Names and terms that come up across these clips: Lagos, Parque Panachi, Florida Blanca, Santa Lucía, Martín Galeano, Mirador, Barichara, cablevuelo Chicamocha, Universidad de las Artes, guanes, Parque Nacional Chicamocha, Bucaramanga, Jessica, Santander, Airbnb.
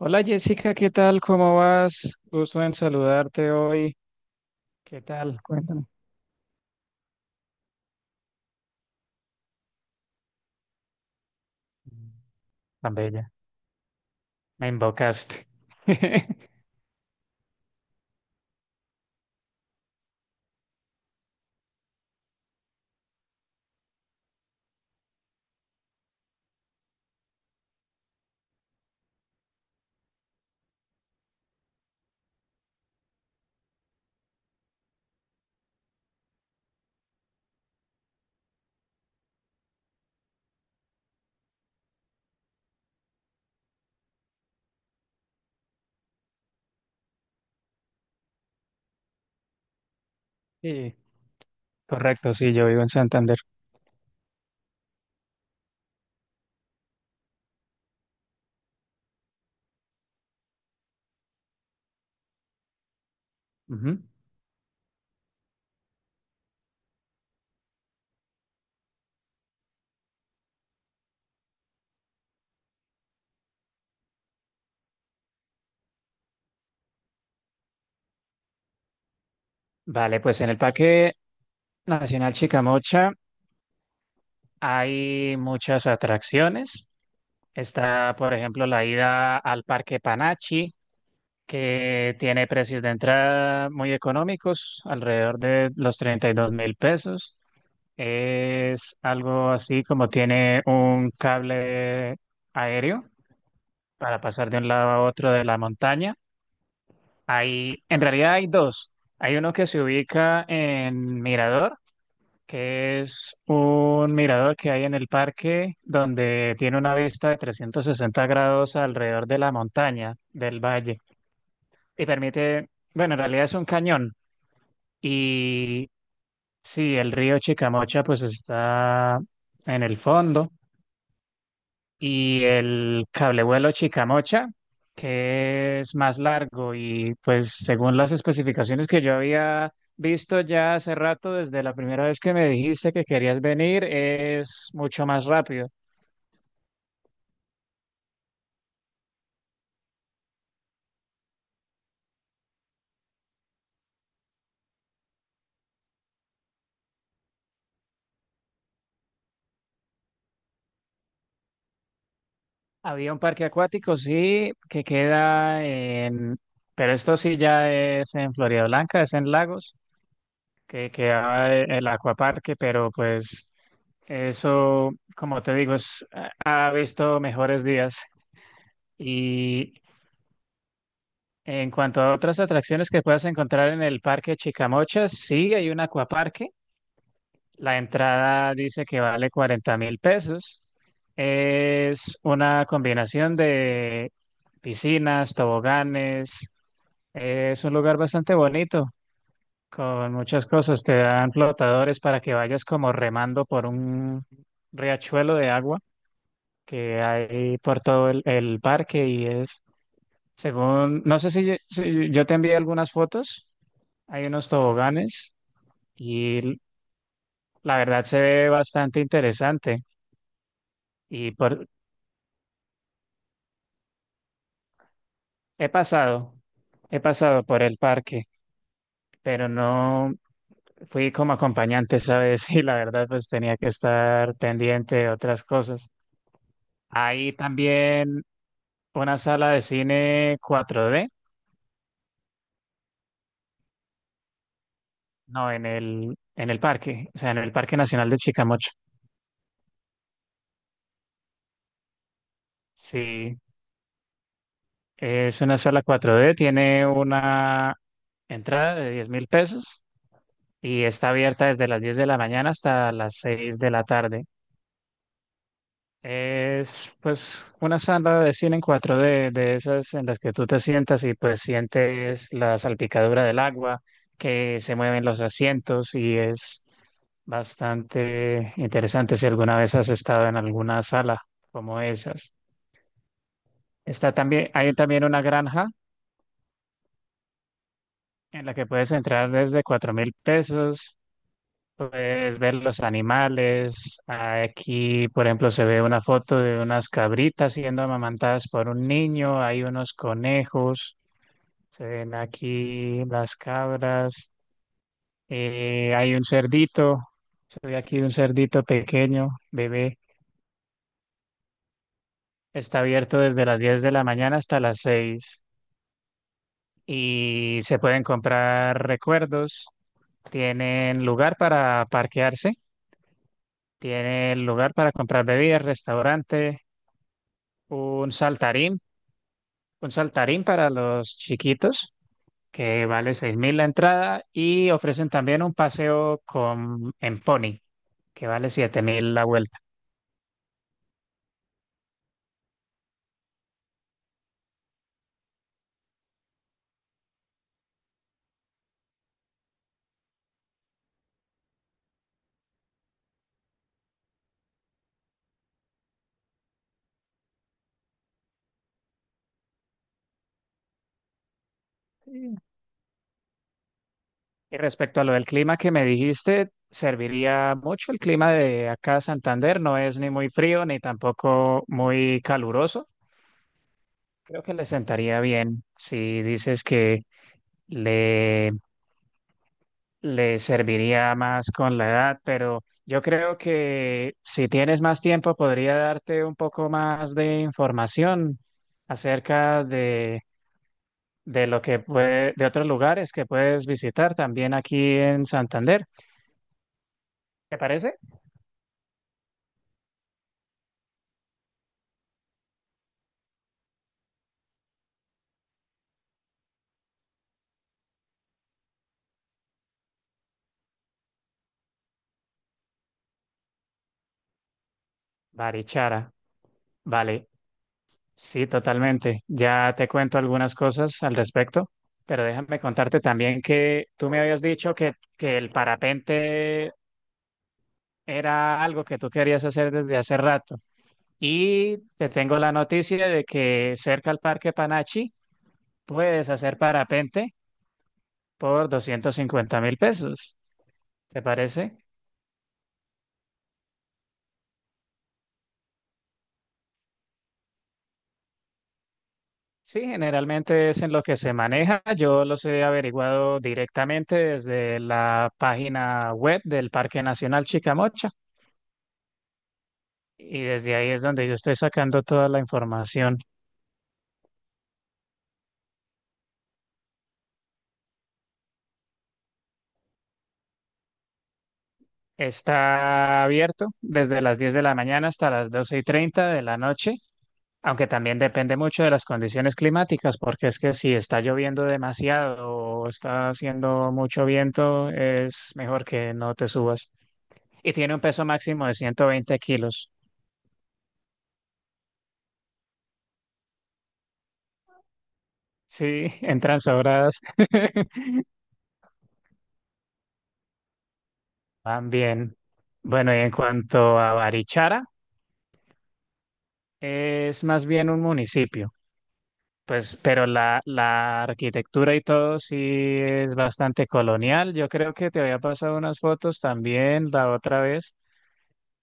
Hola Jessica, ¿qué tal? ¿Cómo vas? Gusto en saludarte hoy. ¿Qué tal? Cuéntame. Tan bella, me invocaste. Sí, correcto, sí, yo vivo en Santander. Ujú. Vale, pues en el Parque Nacional Chicamocha hay muchas atracciones. Está, por ejemplo, la ida al Parque Panachi, que tiene precios de entrada muy económicos, alrededor de los 32.000 pesos. Es algo así como tiene un cable aéreo para pasar de un lado a otro de la montaña. Hay, en realidad hay dos. Hay uno que se ubica en Mirador, que es un mirador que hay en el parque donde tiene una vista de 360 grados alrededor de la montaña, del valle, y permite, bueno, en realidad es un cañón. Y sí, el río Chicamocha pues está en el fondo, y el cablevuelo Chicamocha, que es más largo y pues según las especificaciones que yo había visto ya hace rato, desde la primera vez que me dijiste que querías venir, es mucho más rápido. Había un parque acuático, sí, que queda en, pero esto sí ya es en Florida Blanca, es en Lagos, que queda el acuaparque, pero pues eso, como te digo, ha visto mejores días. Y en cuanto a otras atracciones que puedas encontrar en el Parque Chicamochas, sí, hay un acuaparque. La entrada dice que vale 40 mil pesos. Es una combinación de piscinas, toboganes. Es un lugar bastante bonito, con muchas cosas. Te dan flotadores para que vayas como remando por un riachuelo de agua que hay por todo el parque y es, según, no sé si yo te envié algunas fotos. Hay unos toboganes y la verdad se ve bastante interesante. Y por, he pasado, he pasado por el parque, pero no fui como acompañante, ¿sabes? Y la verdad pues tenía que estar pendiente de otras cosas. Hay también una sala de cine 4D. No, en el parque, o sea, en el Parque Nacional de Chicamocha. Sí, es una sala 4D. Tiene una entrada de 10.000 pesos y está abierta desde las 10 de la mañana hasta las 6 de la tarde. Es pues una sala de cine en 4D de esas en las que tú te sientas y pues sientes la salpicadura del agua, que se mueven los asientos y es bastante interesante si alguna vez has estado en alguna sala como esas. Está también, hay también una granja en la que puedes entrar desde 4.000 pesos. Puedes ver los animales. Aquí, por ejemplo, se ve una foto de unas cabritas siendo amamantadas por un niño. Hay unos conejos. Se ven aquí las cabras. Hay un cerdito. Se ve aquí un cerdito pequeño, bebé. Está abierto desde las 10 de la mañana hasta las seis. Y se pueden comprar recuerdos. Tienen lugar para parquearse. Tienen lugar para comprar bebidas, restaurante. Un saltarín, un saltarín para los chiquitos, que vale 6.000 la entrada, y ofrecen también un paseo con, en pony, que vale 7.000 la vuelta. Y respecto a lo del clima que me dijiste, serviría mucho. El clima de acá Santander no es ni muy frío ni tampoco muy caluroso. Creo que le sentaría bien si dices que le le serviría más con la edad, pero yo creo que si tienes más tiempo podría darte un poco más de información acerca de lo que puede, de otros lugares que puedes visitar también aquí en Santander. ¿Te parece? Barichara. Vale, sí, totalmente. Ya te cuento algunas cosas al respecto. Pero déjame contarte también que tú me habías dicho que el parapente era algo que tú querías hacer desde hace rato. Y te tengo la noticia de que cerca al Parque Panachi puedes hacer parapente por 250.000 pesos. ¿Te parece? Sí, generalmente es en lo que se maneja. Yo los he averiguado directamente desde la página web del Parque Nacional Chicamocha y desde ahí es donde yo estoy sacando toda la información. Está abierto desde las 10 de la mañana hasta las 12:30 de la noche. Aunque también depende mucho de las condiciones climáticas, porque es que si está lloviendo demasiado o está haciendo mucho viento, es mejor que no te subas. Y tiene un peso máximo de 120 kilos. Sí, entran sobradas. Van bien. Bueno, y en cuanto a Barichara, es más bien un municipio, pues, pero la arquitectura y todo sí es bastante colonial. Yo creo que te había pasado unas fotos también la otra vez.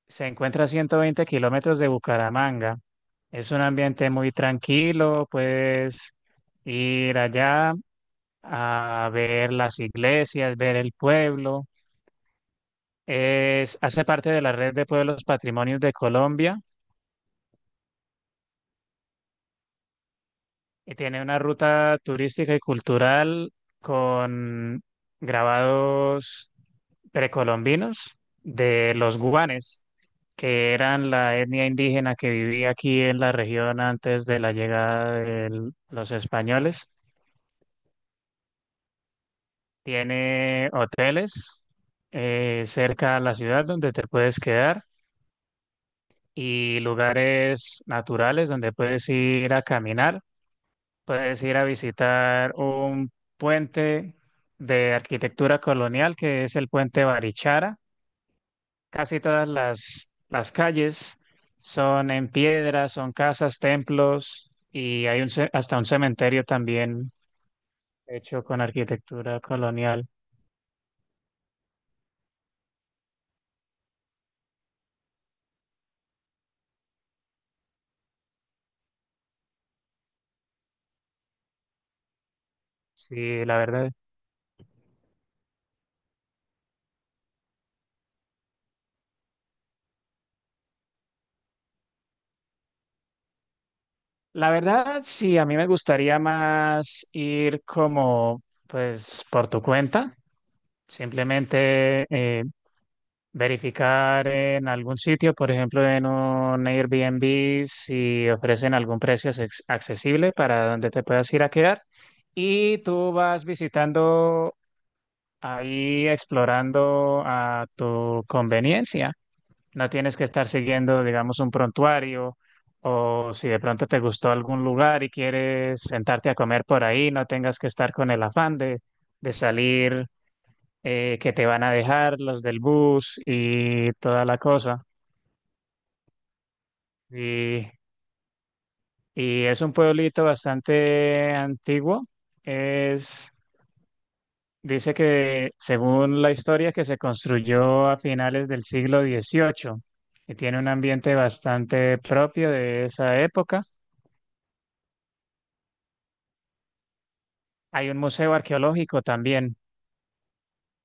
Se encuentra a 120 kilómetros de Bucaramanga. Es un ambiente muy tranquilo, puedes ir allá a ver las iglesias, ver el pueblo. Hace parte de la red de pueblos patrimonios de Colombia y tiene una ruta turística y cultural con grabados precolombinos de los guanes, que eran la etnia indígena que vivía aquí en la región antes de la llegada de los españoles. Tiene hoteles cerca a la ciudad donde te puedes quedar y lugares naturales donde puedes ir a caminar. Puedes ir a visitar un puente de arquitectura colonial que es el puente Barichara. Casi todas las calles son en piedra, son casas, templos y hay hasta un cementerio también hecho con arquitectura colonial. Sí, la verdad. La verdad, sí, a mí me gustaría más ir como, pues, por tu cuenta, simplemente verificar en algún sitio, por ejemplo, en un Airbnb, si ofrecen algún precio accesible para donde te puedas ir a quedar. Y tú vas visitando ahí, explorando a tu conveniencia. No tienes que estar siguiendo, digamos, un prontuario o si de pronto te gustó algún lugar y quieres sentarte a comer por ahí, no tengas que estar con el afán de salir, que te van a dejar los del bus y toda la cosa. Y, y es un pueblito bastante antiguo. Es, Dice que según la historia que se construyó a finales del siglo XVIII y tiene un ambiente bastante propio de esa época. Hay un museo arqueológico también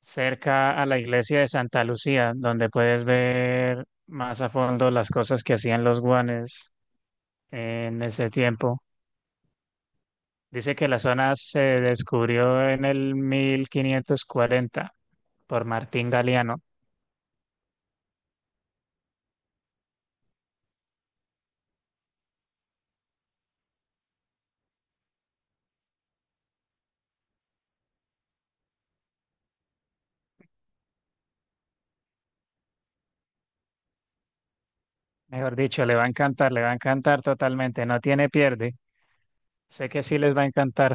cerca a la iglesia de Santa Lucía, donde puedes ver más a fondo las cosas que hacían los guanes en ese tiempo. Dice que la zona se descubrió en el 1540 por Martín Galeano. Mejor dicho, le va a encantar, le va a encantar totalmente. No tiene pierde. Sé que sí les va a encantar.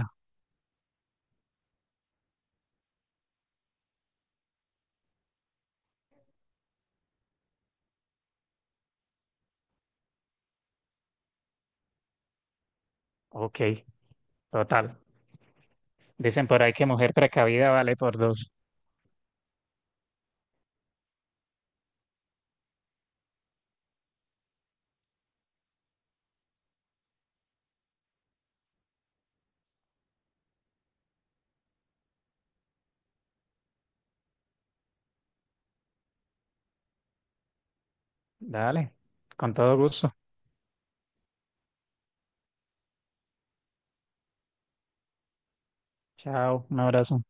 Ok, total. Dicen por ahí que mujer precavida vale por dos. Dale, con todo gusto. Chao, un abrazo.